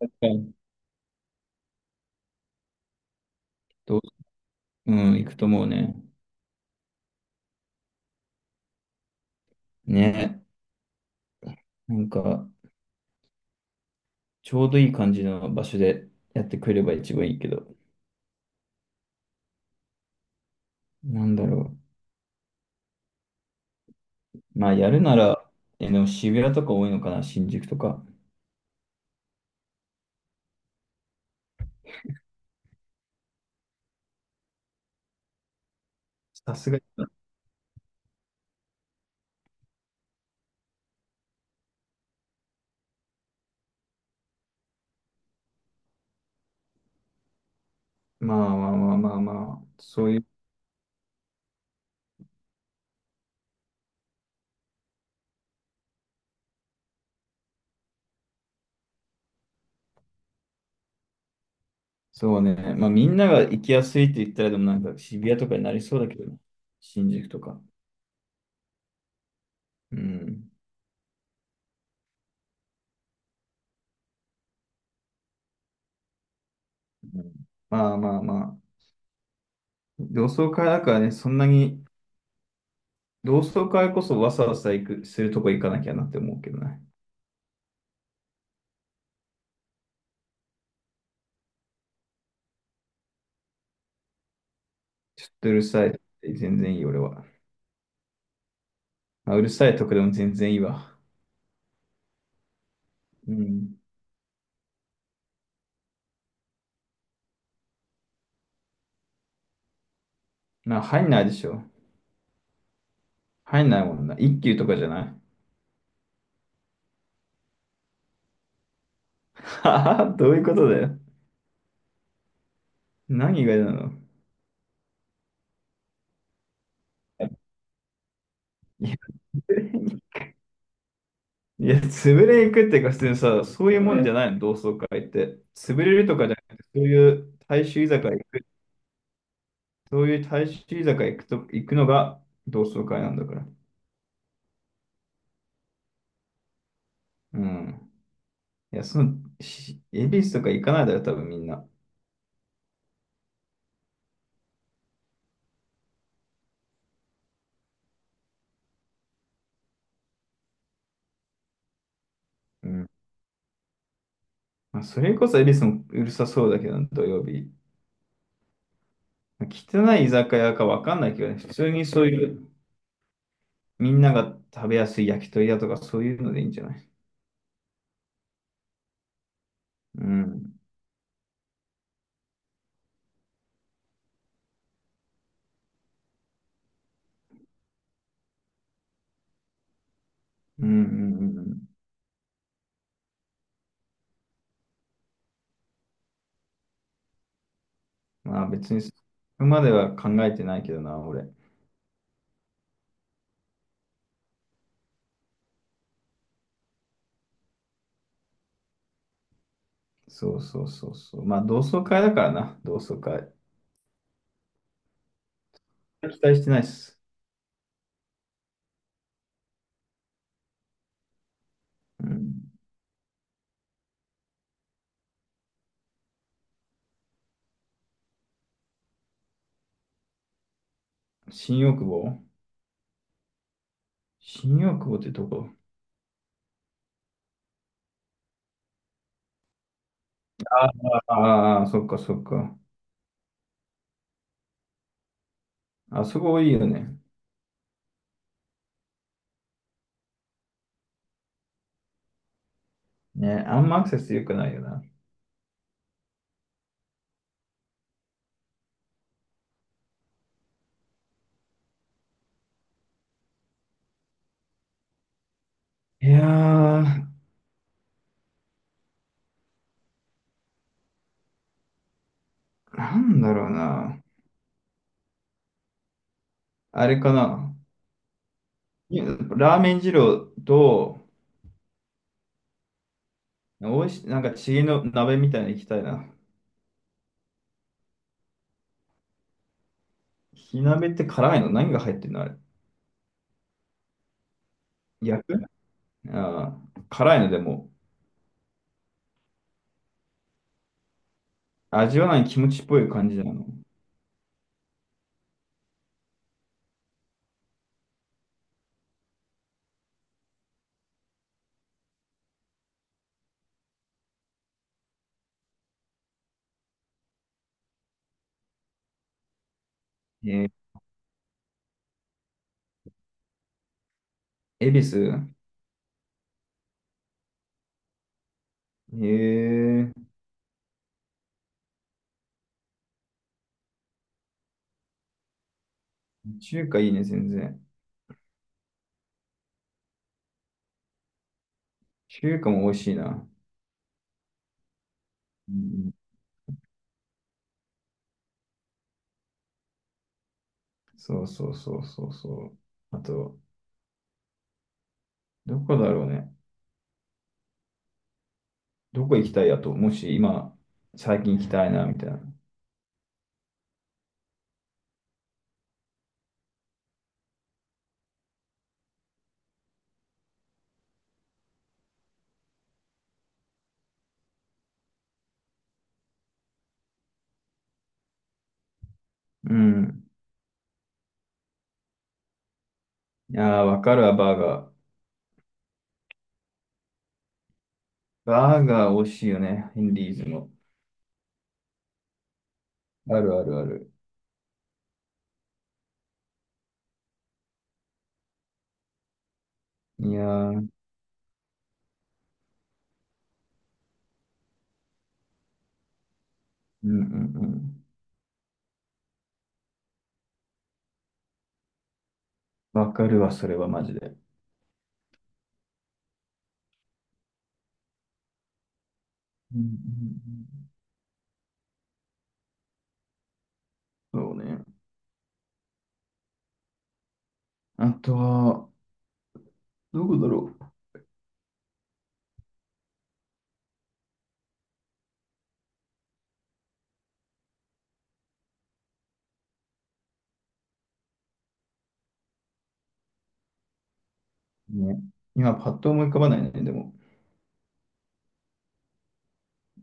確かに。どう、うん、行くと思うね。ね。なんか、ちょうどいい感じの場所でやってくれれば一番いいけど、なんだろう。まあ、やるなら、でも渋谷とか多いのかな、新宿とか。さすがに。まあまあまあまあまあ、そういう、そうね。まあ、みんなが行きやすいって言ったら、でも渋谷とかになりそうだけどね、新宿とか。うん。うん、まあまあまあ、同窓会だからね、そんなに、同窓会こそわさわさ行く、するとこ行かなきゃなって思うけどね。ちょっとうるさい。全然いい、俺は。まあ、うるさいとこでも全然いいわ。うん。まあ、入んないでしょ。入んないもんな。一級とかじゃない。はは、どういうことだよ。何がなの。いや、いや潰れ行くっていうか、普通にさ、そういうもんじゃないの、同窓会って。潰れるとかじゃなくて、そういう大衆居酒屋行く、そういう大衆居酒屋行くと、行くのが同窓会なんだから。うん。いや、その、し恵比寿とか行かないだろ、多分みんな。うん。まあ、それこそ恵比寿もうるさそうだけど、土曜日。汚い居酒屋かわかんないけどね、普通にそういう、みんなが食べやすい焼き鳥屋とかそういうのでいいんじゃない？うん。うんうんうんうん。まあ別に、そこまでは考えてないけどな、俺。そうそうそうそう。まあ同窓会だからな、同窓会。期待してないっす。うん。新大久保。新大久保ってとこ。ああー、そっかそっか。あそこいいよね。ね、あんまアクセス良くないよな。いやー、なんだろうな。あれかな。ラーメン二郎と、おいし、チゲの鍋みたいに行きたいな。火鍋って辛いの何が入ってるのあれ。焼く、あー、辛いのでも、味わわない気持ちっぽい感じなの。えー、恵比寿。えー、中華いいね、全然。中華も美味しいな。うん、そうそうそうそうそう。あと、どこだろうね。どこ行きたいやと、もし今、最近行きたいな、みたいな。うん。いやー、わかるわ、バーガー。バーガー美味しいよね、ヘンリーズの。あるあるある。いやー、うんうんうん。わかるわ、それはマジで。うんうんうん、そうね。あとは、どこだろう。ね。今、パッと思い浮かばないね、でも。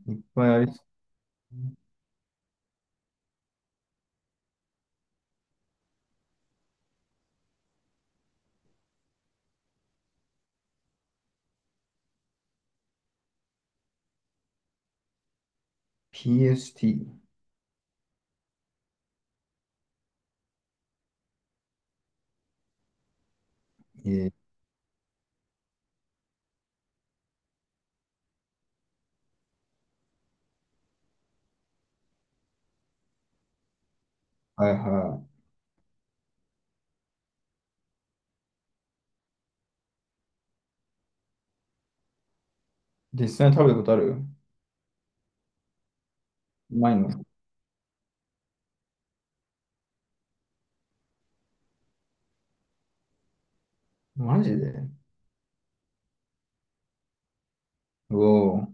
いっぱいありそう。 PST。えー、はいはい。実際に食べたことある？うまいの？マジで？おお、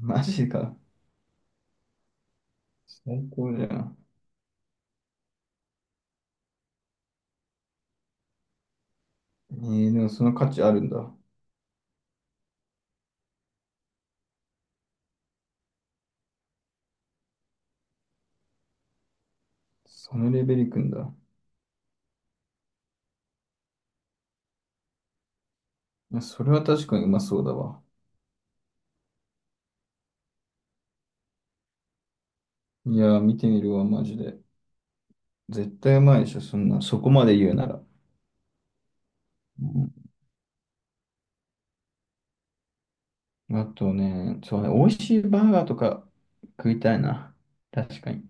マジか。最高じゃん。えー、でもその価値あるんだ。そのレベルいくんだ。いや、それは確かにうまそうだわ。いやー、見てみるわ、マジで。絶対うまいでしょ、そんな、そこまで言うなら。うん、あとね、そうね、美味しいバーガーとか食いたいな。確かに。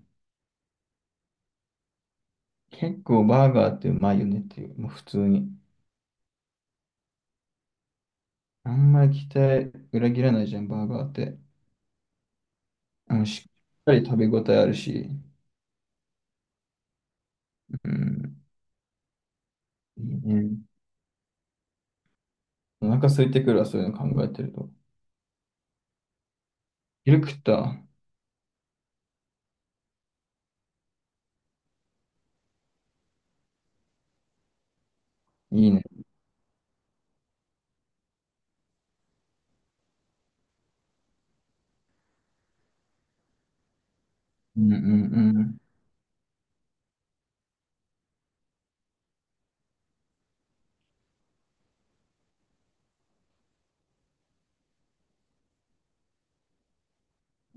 結構バーガーってうまいよねっていう、もう普通に。あんまり期待裏切らないじゃん、バーガーって。あの、しっかり食べ応えあるし。うん。いいね。お腹空いてくるわ、そういうの考えてると。昼食った？いいね。うんうんうん。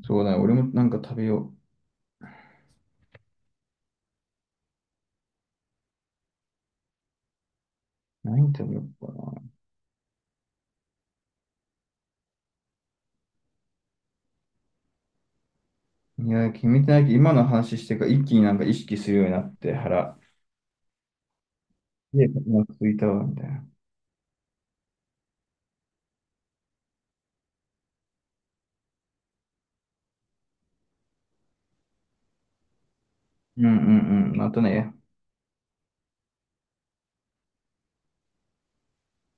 そうだね。俺もなんか食べよう。何食べようかな。いや、決めてないけど、今の話してから一気になんか意識するようになって、腹。で、今ついたわ、みたいな。うんうんうん。またね。